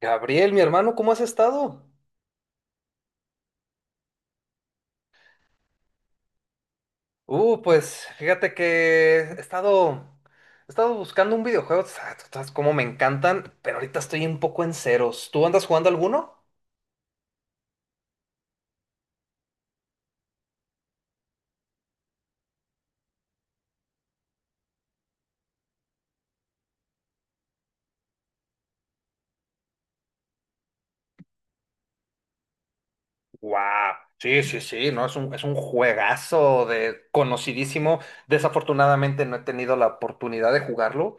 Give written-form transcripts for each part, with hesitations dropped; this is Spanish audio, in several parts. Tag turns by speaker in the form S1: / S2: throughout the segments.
S1: Gabriel, mi hermano, ¿cómo has estado? Pues fíjate que he estado buscando un videojuego, tú sabes cómo me encantan, pero ahorita estoy un poco en ceros. ¿Tú andas jugando alguno? ¡Wow! Sí, sí, sí, no, es un juegazo de conocidísimo. Desafortunadamente no he tenido la oportunidad de jugarlo,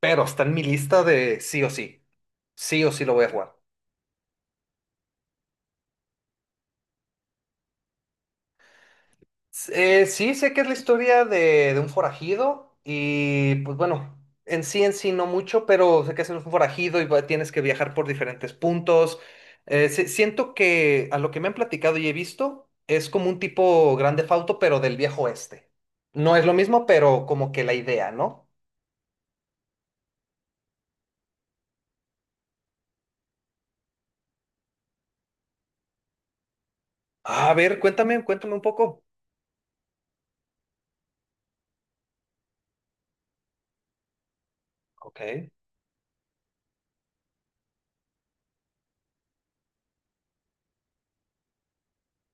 S1: pero está en mi lista de sí o sí. Sí o sí lo voy a jugar. Sí, sé que es la historia de un forajido y pues bueno, en sí no mucho, pero sé que es un forajido y tienes que viajar por diferentes puntos. Eh, siento que a lo que me han platicado y he visto es como un tipo grande fauto pero del viejo oeste. No es lo mismo, pero como que la idea, ¿no? Ah, a ver, cuéntame, cuéntame un poco. Ok.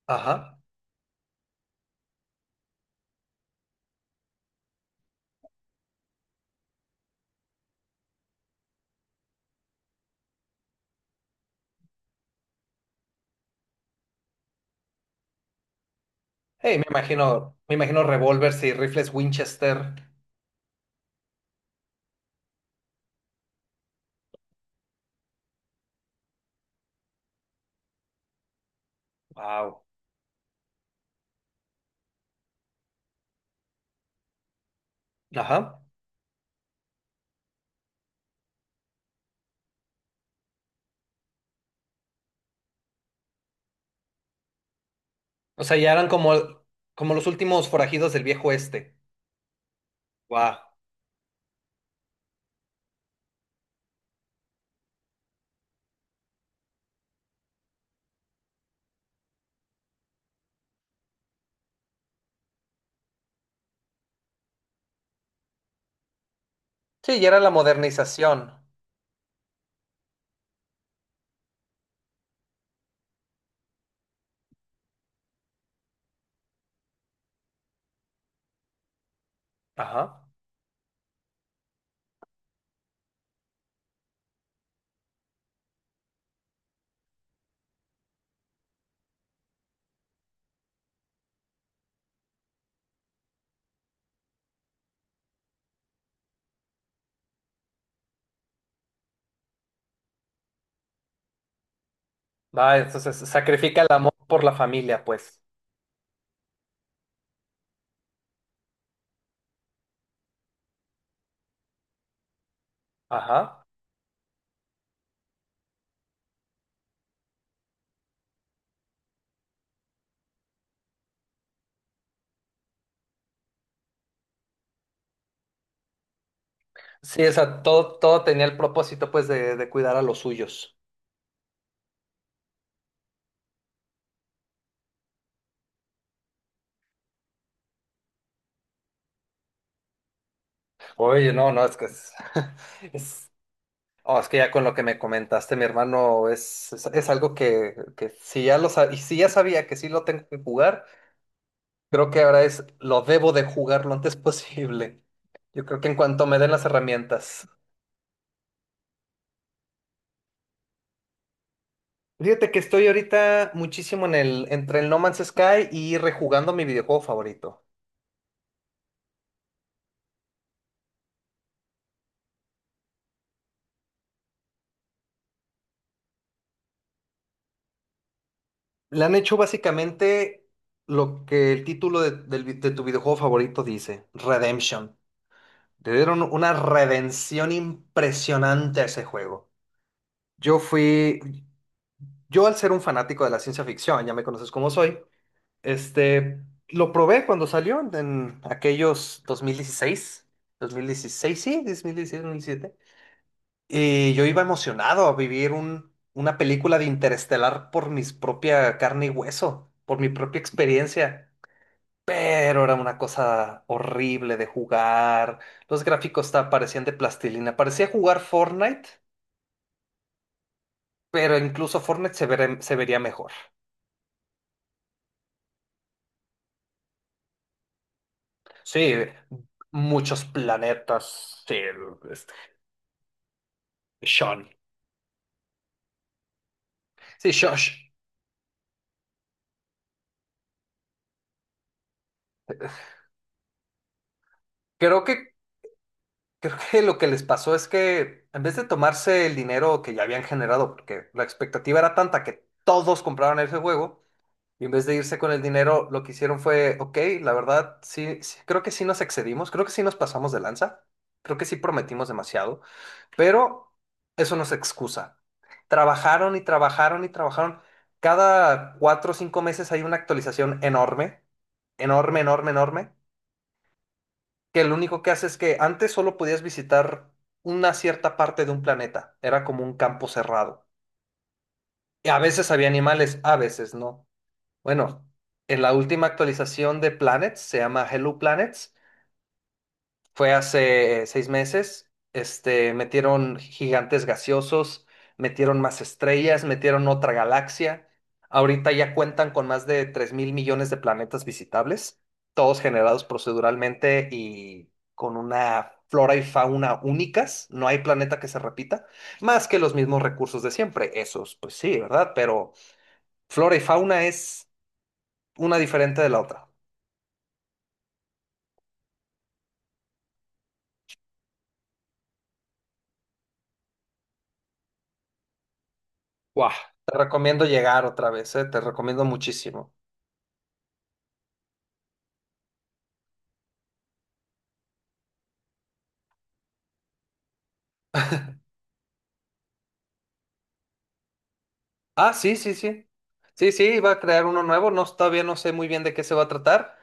S1: Ajá. Hey, me imagino revólveres y rifles Winchester. Wow. Ajá. O sea, ya eran como, como los últimos forajidos del viejo este. Wow. Sí, ya era la modernización. Ajá. Va, entonces sacrifica el amor por la familia, pues. Ajá. Sí, o sea, todo, todo tenía el propósito, pues, de cuidar a los suyos. Oye, no, no, es que es, es- oh, es que ya con lo que me comentaste, mi hermano, es algo que si ya y si ya sabía que sí lo tengo que jugar. Creo que ahora es, lo debo de jugar lo antes posible. Yo creo que en cuanto me den las herramientas. Fíjate que estoy ahorita muchísimo en el, entre el No Man's Sky y rejugando mi videojuego favorito. Le han hecho básicamente lo que el título de de tu videojuego favorito dice, Redemption. Le dieron una redención impresionante a ese juego. Yo fui, yo, al ser un fanático de la ciencia ficción, ya me conoces como soy, este, lo probé cuando salió en aquellos 2016, 2016, sí, 2016, dos mil 2017. Y yo iba emocionado a vivir una película de Interestelar por mi propia carne y hueso, por mi propia experiencia. Pero era una cosa horrible de jugar. Los gráficos parecían de plastilina. Parecía jugar Fortnite, pero incluso Fortnite se vería mejor. Sí, muchos planetas. Sí, este, Sean. Sí, Shosh. Creo que, Creo que lo que les pasó es que en vez de tomarse el dinero que ya habían generado, porque la expectativa era tanta que todos compraron ese juego, y en vez de irse con el dinero, lo que hicieron fue, ok, la verdad, sí, sí, creo que sí nos excedimos, creo que sí nos pasamos de lanza, creo que sí prometimos demasiado, pero eso no es excusa. Trabajaron y trabajaron y trabajaron. Cada 4 o 5 meses hay una actualización enorme, enorme, enorme, enorme, que lo único que hace es que antes solo podías visitar una cierta parte de un planeta, era como un campo cerrado. Y a veces había animales, a veces no. Bueno, en la última actualización de Planets, se llama Hello Planet, fue hace 6 meses. Este, metieron gigantes gaseosos, metieron más estrellas, metieron otra galaxia. Ahorita ya cuentan con más de 3 mil millones de planetas visitables, todos generados proceduralmente y con una flora y fauna únicas. No hay planeta que se repita, más que los mismos recursos de siempre. Esos, pues sí, ¿verdad? Pero flora y fauna es una diferente de la otra. ¡Guau! Te recomiendo llegar otra vez, ¿eh? Te recomiendo muchísimo. Ah, sí, sí, sí. Sí, sí, va a crear uno nuevo. No, todavía no sé muy bien de qué se va a tratar,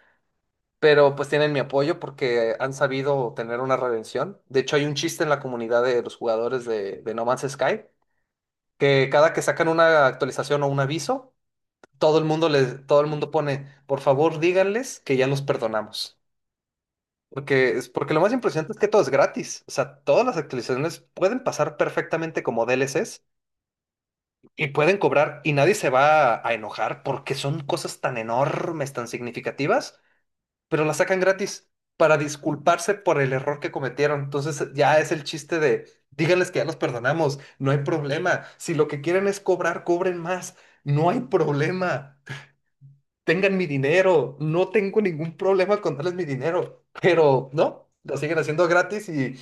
S1: pero pues tienen mi apoyo porque han sabido tener una redención. De hecho, hay un chiste en la comunidad de los jugadores de No Man's Sky que cada que sacan una actualización o un aviso, todo el mundo pone, por favor, díganles que ya los perdonamos. Porque es porque lo más impresionante es que todo es gratis. O sea, todas las actualizaciones pueden pasar perfectamente como DLCs. Y pueden cobrar y nadie se a enojar porque son cosas tan enormes, tan significativas, pero las sacan gratis para disculparse por el error que cometieron. Entonces ya es el chiste de, díganles que ya los perdonamos, no hay problema. Si lo que quieren es cobrar, cobren más, no hay problema. Tengan mi dinero, no tengo ningún problema con darles mi dinero, pero no, lo siguen haciendo gratis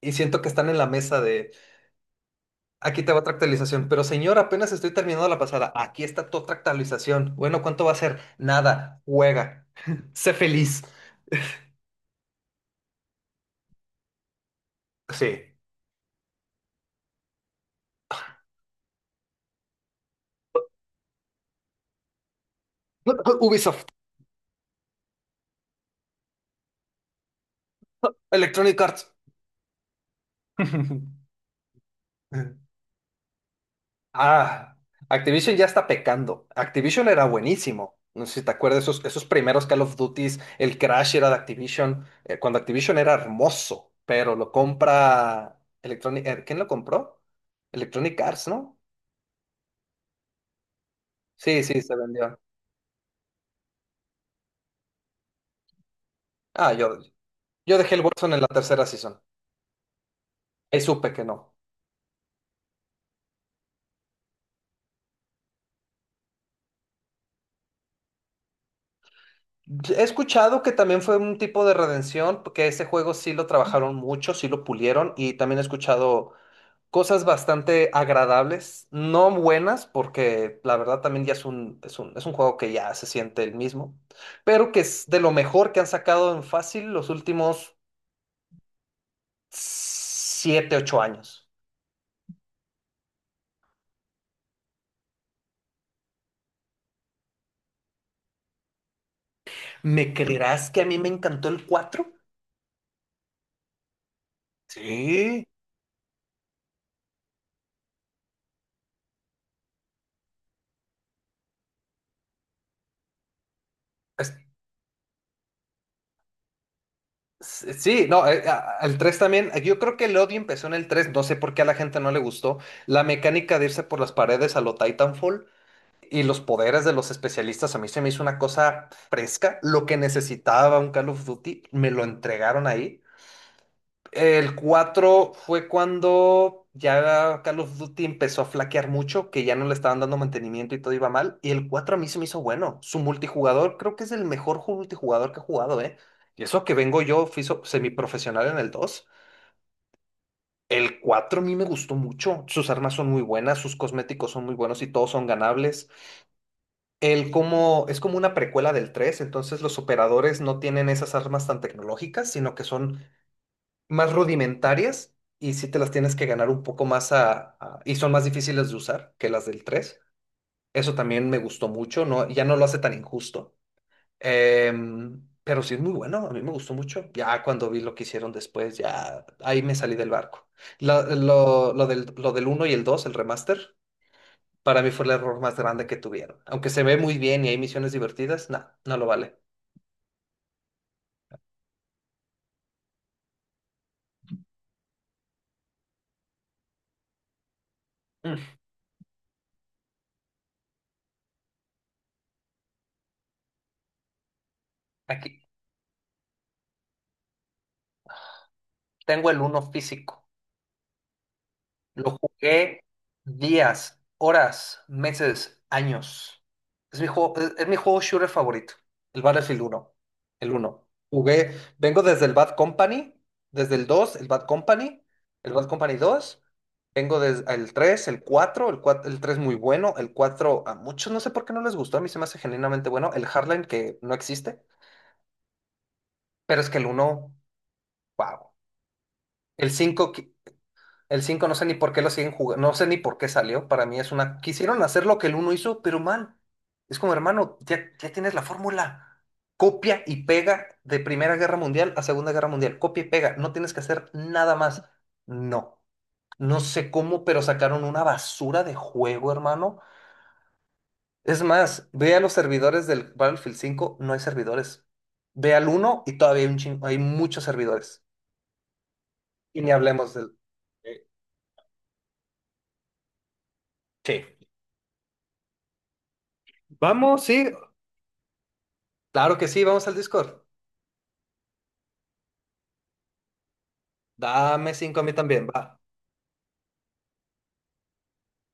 S1: y siento que están en la mesa de: aquí te va otra actualización. Pero señor, apenas estoy terminando la pasada. Aquí está tu otra actualización. Bueno, ¿cuánto va a ser? Nada. Juega. Sé feliz. Sí. Ubisoft. Electronic Arts. Ah, Activision ya está pecando. Activision era buenísimo. No sé si te acuerdas esos, esos primeros Call of Duties, el Crash era de Activision, cuando Activision era hermoso, pero lo compra Electronic, ¿quién lo compró? Electronic Arts, ¿no? Sí, sí, se vendió. Ah, yo dejé el Watson en la tercera season. Ahí supe que no. He escuchado que también fue un tipo de redención, porque ese juego sí lo trabajaron mucho, sí lo pulieron, y también he escuchado cosas bastante agradables, no buenas, porque la verdad también ya es un juego que ya se siente el mismo, pero que es de lo mejor que han sacado en fácil los últimos 7 u 8 años. ¿Me creerás que a mí me encantó el 4? Sí, sí, no, al 3 también, yo creo que el odio empezó en el 3. No sé por qué a la gente no le gustó, la mecánica de irse por las paredes a lo Titanfall y los poderes de los especialistas, a mí se me hizo una cosa fresca, lo que necesitaba un Call of Duty, me lo entregaron ahí. El 4 fue cuando ya Call of Duty empezó a flaquear mucho, que ya no le estaban dando mantenimiento y todo iba mal. Y el 4 a mí se me hizo bueno. Su multijugador creo que es el mejor multijugador que he jugado, ¿eh? Y eso que vengo yo, fui semiprofesional en el dos. El 4 a mí me gustó mucho. Sus armas son muy buenas, sus cosméticos son muy buenos y todos son ganables. El como, es como una precuela del tres, entonces los operadores no tienen esas armas tan tecnológicas, sino que son más rudimentarias y sí te las tienes que ganar un poco más y son más difíciles de usar que las del tres. Eso también me gustó mucho, no, ya no lo hace tan injusto. Pero sí es muy bueno, a mí me gustó mucho. Ya cuando vi lo que hicieron después, ya ahí me salí del barco. Lo del uno y el dos, el remaster, para mí fue el error más grande que tuvieron. Aunque se ve muy bien y hay misiones divertidas, no, no lo vale. Mm, aquí tengo el uno físico. Lo jugué días, horas, meses, años. Es mi juego, es mi juego shooter favorito, el Battlefield uno. El uno jugué, vengo desde el Bad Company, desde el dos, el Bad Company dos. Vengo desde el tres, el cuatro, el 3 muy bueno, el 4 a muchos no sé por qué no les gustó, a mí se me hace genuinamente bueno, el Hardline que no existe, pero es que el uno, wow. El cinco. El 5 no sé ni por qué lo siguen jugando, no sé ni por qué salió. Para mí es una... Quisieron hacer lo que el uno hizo, pero mal. Es como hermano, ya tienes la fórmula. Copia y pega de Primera Guerra Mundial a Segunda Guerra Mundial. Copia y pega, no tienes que hacer nada más. No, no sé cómo, pero sacaron una basura de juego, hermano. Es más, ve a los servidores del Battlefield cinco, no hay servidores. Ve al uno y todavía hay muchos servidores. Y ni hablemos del... Eh, sí. Vamos, sí, claro que sí, vamos al Discord. Dame 5 a mí también, va.